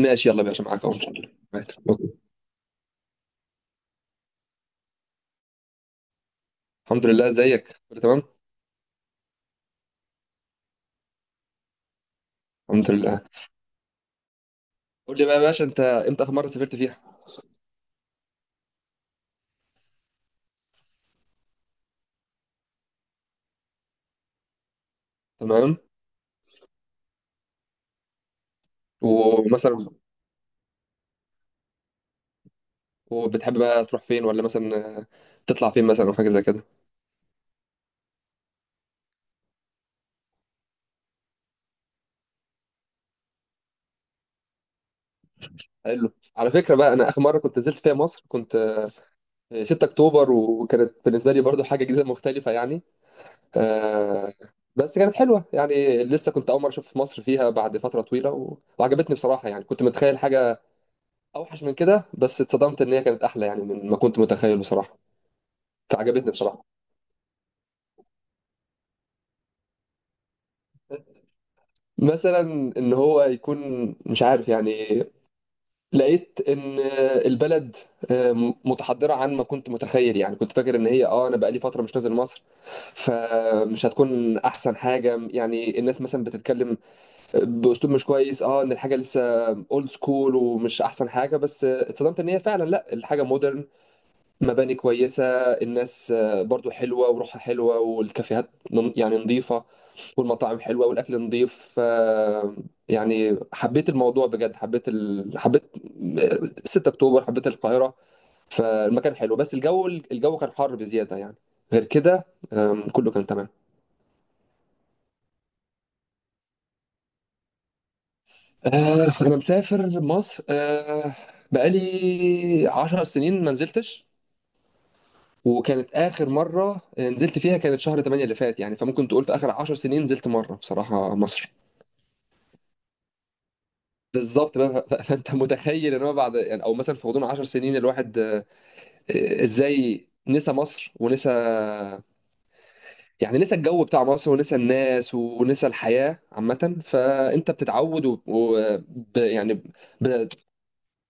ماشي يلا يا باشا، معاك اهو ان شاء الله. معاك أوكي. الحمد لله، ازيك؟ كله تمام؟ الحمد لله. قول لي بقى يا باشا، انت امتى اخر مره سافرت فيها؟ تمام. ومثلا، وبتحب بقى تروح فين، ولا مثلا تطلع فين مثلا او حاجه زي كده؟ حلو. على فكره بقى، انا اخر مره كنت نزلت فيها مصر كنت 6 اكتوبر، وكانت بالنسبه لي برضو حاجه جديده مختلفه يعني. آه، بس كانت حلوه يعني. لسه كنت اول مره اشوف مصر فيها بعد فتره طويله وعجبتني بصراحه. يعني كنت متخيل حاجه اوحش من كده، بس اتصدمت ان هي كانت احلى يعني من ما كنت متخيل بصراحه. فعجبتني بصراحه. مثلا ان هو يكون، مش عارف يعني. لقيت ان البلد متحضره عن ما كنت متخيل يعني. كنت فاكر ان هي اه انا بقالي فتره مش نازل مصر، فمش هتكون احسن حاجه. يعني الناس مثلا بتتكلم باسلوب مش كويس، اه ان الحاجه لسه اولد سكول ومش احسن حاجه. بس اتصدمت ان هي فعلا لا، الحاجه مودرن، مباني كويسة، الناس برضو حلوة وروحها حلوة، والكافيهات يعني نظيفة، والمطاعم حلوة والأكل نظيف. يعني حبيت الموضوع بجد. حبيت حبيت آه، 6 أكتوبر، حبيت القاهرة. فالمكان حلو، بس الجو كان حر بزيادة يعني. غير كده، كله كان تمام. أنا مسافر مصر، بقالي 10 سنين ما نزلتش. وكانت اخر مره نزلت فيها كانت شهر 8 اللي فات يعني. فممكن تقول في اخر 10 سنين نزلت مره بصراحه مصر. بالظبط بقى. فانت متخيل ان هو بعد يعني، او مثلا في غضون 10 سنين الواحد ازاي نسى مصر، ونسى يعني نسى الجو بتاع مصر، ونسى الناس، ونسى الحياه عامه. فانت بتتعود و... و... ب... يعني ب...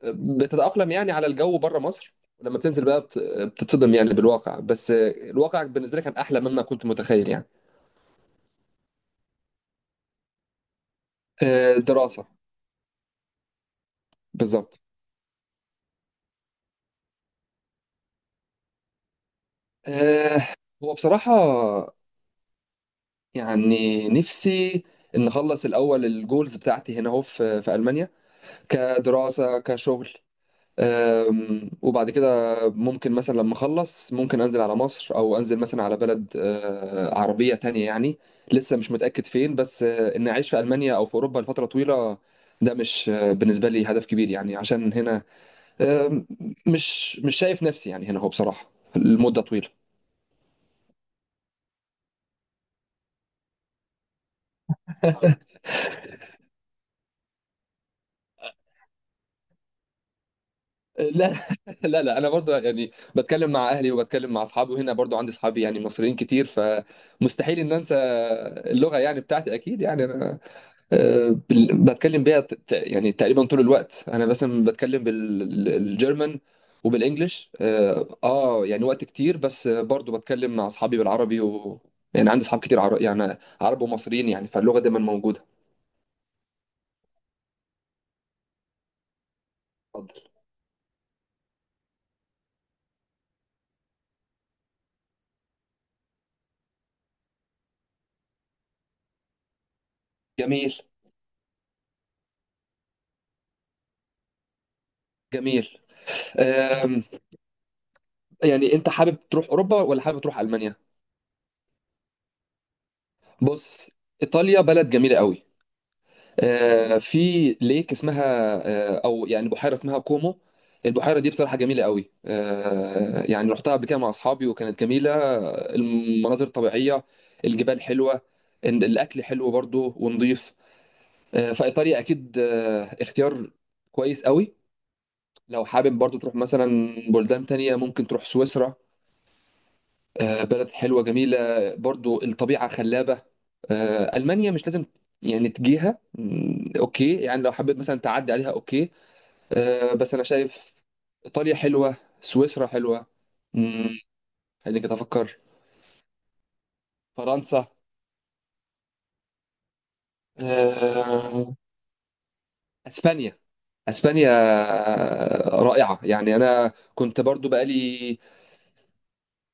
بتتاقلم يعني على الجو بره مصر. لما بتنزل بقى بتتصدم يعني بالواقع، بس الواقع بالنسبه لي كان احلى مما كنت متخيل يعني. دراسه. بالظبط. آه، هو بصراحة يعني نفسي إن أخلص الأول الجولز بتاعتي هنا أهو، في ألمانيا، كدراسة كشغل. وبعد كده ممكن مثلا لما أخلص ممكن أنزل على مصر، أو أنزل مثلا على بلد عربية تانية يعني. لسه مش متأكد فين، بس إن أعيش في ألمانيا أو في أوروبا لفترة طويلة ده مش بالنسبة لي هدف كبير يعني. عشان هنا آم، مش شايف نفسي يعني هنا هو بصراحة لمدة طويلة. لا. لا انا برضو يعني بتكلم مع اهلي، وبتكلم مع اصحابي، وهنا برضو عندي اصحابي يعني مصريين كتير، فمستحيل ان انسى اللغه يعني بتاعتي اكيد يعني. انا بتكلم بيها يعني تقريبا طول الوقت. انا مثلا بتكلم بالجرمن وبالانجلش اه، يعني وقت كتير. بس برضو بتكلم مع اصحابي بالعربي، و، يعني عندي اصحاب كتير عرب، يعني عرب ومصريين يعني، فاللغه دايما موجوده. اتفضل. جميل. جميل. آم، يعني انت حابب تروح اوروبا، ولا حابب تروح المانيا؟ بص. ايطاليا بلد جميله قوي. في ليك اسمها، او يعني بحيره اسمها كومو. البحيره دي بصراحه جميله قوي. يعني رحتها قبل كده مع اصحابي، وكانت جميله. المناظر الطبيعيه، الجبال حلوه، الاكل حلو برضو ونضيف. فايطاليا اكيد اختيار كويس قوي. لو حابب برضو تروح مثلا بلدان تانية ممكن تروح سويسرا. بلد حلوة جميلة، برضو الطبيعة خلابة. ألمانيا مش لازم يعني تجيها. أوكي، يعني لو حبيت مثلا تعدي عليها أوكي. بس أنا شايف إيطاليا حلوة، سويسرا حلوة. مم، خليني كده أفكر. فرنسا. آه، أسبانيا. أسبانيا رائعة يعني. أنا كنت برضو بقالي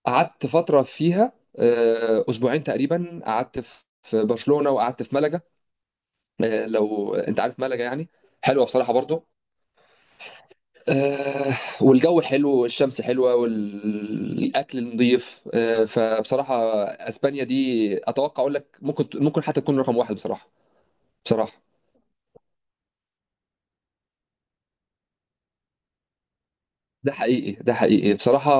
قعدت فترة فيها، أسبوعين تقريبا. قعدت في برشلونة، وقعدت في ملقا. لو انت عارف ملجا يعني. حلوه بصراحه برضو. آه، والجو حلو، والشمس حلوه، والاكل نظيف. فبصراحه اسبانيا دي اتوقع اقول لك ممكن حتى تكون رقم واحد بصراحه. بصراحه. ده حقيقي. ده حقيقي بصراحه،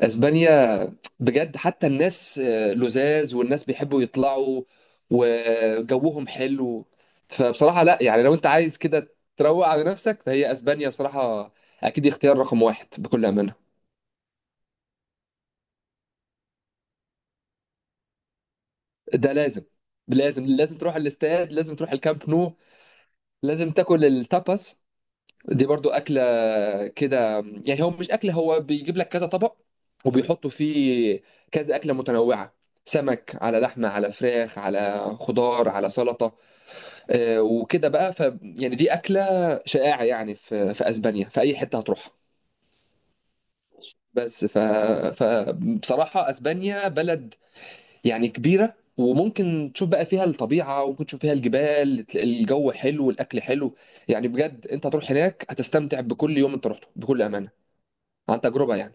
اسبانيا بجد. حتى الناس لذاذ، والناس بيحبوا يطلعوا، وجوهم حلو. فبصراحه لا، يعني لو انت عايز كده تروق على نفسك فهي اسبانيا بصراحه اكيد اختيار رقم واحد بكل امانه. ده لازم. لازم تروح الاستاد، لازم تروح الكامب نو، لازم تاكل التاباس. دي برضو أكلة كده يعني. هو مش أكل، هو بيجيب لك كذا طبق، وبيحطوا فيه كذا أكلة متنوعة: سمك على لحمة على فراخ على خضار على سلطة وكده بقى. ف يعني دي أكلة شائعة يعني، في أسبانيا في أي حتة هتروحها. بس ف... فبصراحة أسبانيا بلد يعني كبيرة، وممكن تشوف بقى فيها الطبيعة، وممكن تشوف فيها الجبال، تلاقي الجو حلو والأكل حلو. يعني بجد أنت هتروح هناك هتستمتع بكل يوم أنت رحته، بكل أمانة، عن تجربة يعني.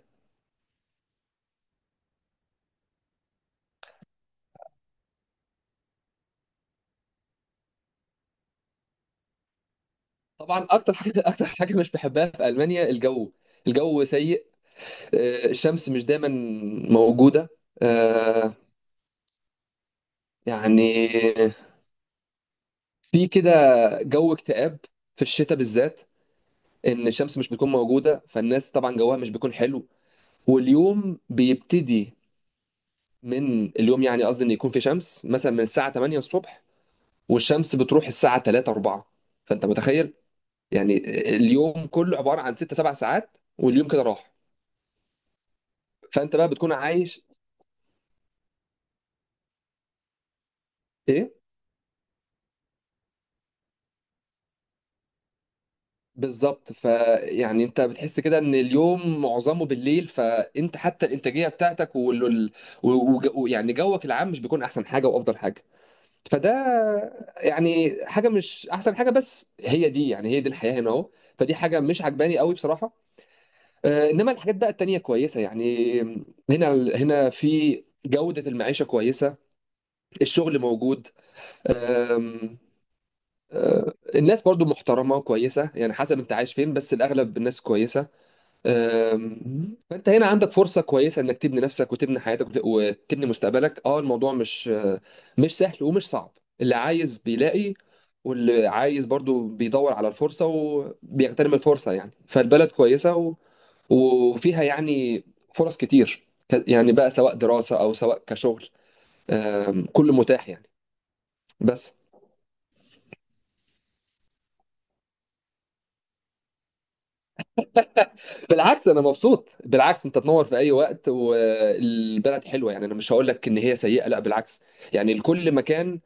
طبعا أكتر حاجة أكتر حاجة مش بحبها في ألمانيا الجو. سيء. الشمس مش دايما موجودة. آه، يعني في كده جو اكتئاب، في الشتاء بالذات، ان الشمس مش بتكون موجوده. فالناس طبعا جوها مش بيكون حلو، واليوم بيبتدي من اليوم يعني. قصدي ان يكون في شمس مثلا من الساعه 8 الصبح، والشمس بتروح الساعه 3 4. فانت متخيل يعني اليوم كله عباره عن 6 7 ساعات، واليوم كده راح. فانت بقى بتكون عايش ايه. بالظبط. فيعني انت بتحس كده ان اليوم معظمه بالليل، فانت حتى الانتاجيه بتاعتك ويعني جوك العام مش بيكون احسن حاجه وافضل حاجه. فده يعني حاجه مش احسن حاجه، بس هي دي يعني هي دي الحياه هنا اهو. فدي حاجه مش عجباني قوي بصراحه. انما الحاجات بقى التانية كويسة يعني. هنا في جودة المعيشة كويسة، الشغل موجود. آم، آه، الناس برضو محترمة وكويسة يعني، حسب انت عايش فين، بس الأغلب الناس كويسة. فانت هنا عندك فرصة كويسة انك تبني نفسك، وتبني حياتك، وتبني مستقبلك. اه الموضوع مش مش سهل ومش صعب. اللي عايز بيلاقي، واللي عايز برضو بيدور على الفرصة، وبيغتنم الفرصة يعني. فالبلد كويسة، وفيها يعني فرص كتير، يعني بقى سواء دراسة أو سواء كشغل. كله متاح يعني. بس. بالعكس، أنا مبسوط. بالعكس، أنت تنور في أي وقت، والبلد حلوة يعني. أنا مش هقول لك إن هي سيئة، لا بالعكس. يعني لكل مكان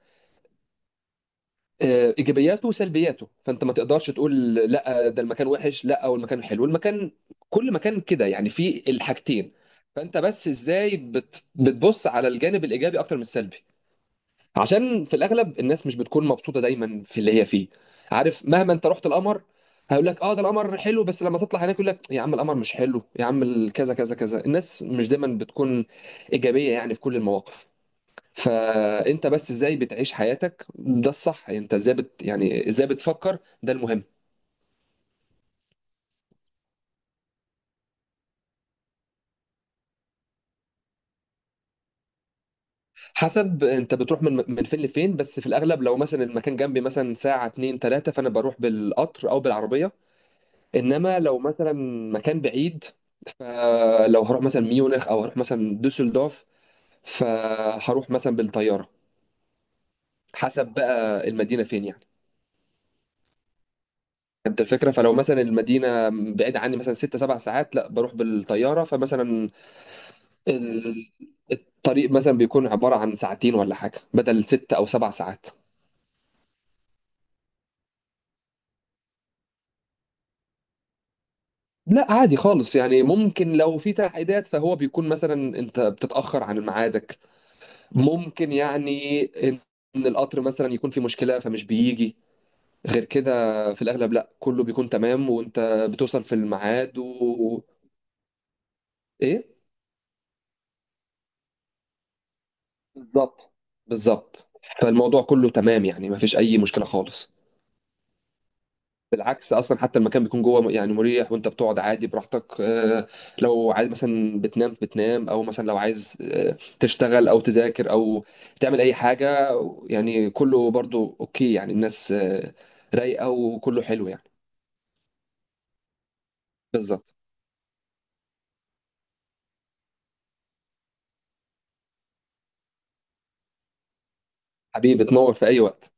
إيجابياته وسلبياته، فأنت ما تقدرش تقول لا ده المكان وحش، لا، أو المكان حلو. المكان، كل مكان كده يعني فيه الحاجتين. فأنت بس إزاي بتبص على الجانب الإيجابي أكتر من السلبي، عشان في الاغلب الناس مش بتكون مبسوطه دايما في اللي هي فيه. عارف، مهما انت رحت القمر هيقول لك اه ده القمر حلو، بس لما تطلع هناك يقول لك يا عم القمر مش حلو، يا عم كذا كذا كذا. الناس مش دايما بتكون ايجابيه يعني في كل المواقف. فانت بس ازاي بتعيش حياتك ده الصح. انت ازاي بت يعني ازاي بتفكر ده المهم. حسب انت بتروح من فين لفين. بس في الاغلب لو مثلا المكان جنبي مثلا ساعه اتنين تلاته، فانا بروح بالقطر او بالعربيه. انما لو مثلا مكان بعيد، فلو هروح مثلا ميونخ او هروح مثلا دوسلدورف فهروح مثلا بالطياره، حسب بقى المدينه فين يعني. انت الفكره، فلو مثلا المدينه بعيده عني مثلا ست سبع ساعات لا بروح بالطياره. فمثلا ال- الطريق مثلا بيكون عباره عن ساعتين ولا حاجه بدل ست او سبع ساعات. لا عادي خالص يعني. ممكن لو في تعقيدات فهو بيكون مثلا انت بتتاخر عن ميعادك. ممكن يعني ان إن القطر مثلا يكون في مشكلة فمش بيجي. غير كده في الاغلب لا، كله بيكون تمام، وانت بتوصل في الميعاد و... ايه. بالظبط. بالظبط. فالموضوع كله تمام يعني، ما فيش اي مشكلة خالص. بالعكس اصلا، حتى المكان بيكون جوه يعني مريح، وانت بتقعد عادي براحتك. لو عايز مثلا بتنام بتنام، او مثلا لو عايز تشتغل او تذاكر او تعمل اي حاجة، يعني كله برضو اوكي يعني. الناس رايقة وكله حلو يعني. بالظبط. حبيبي تنور في اي وقت.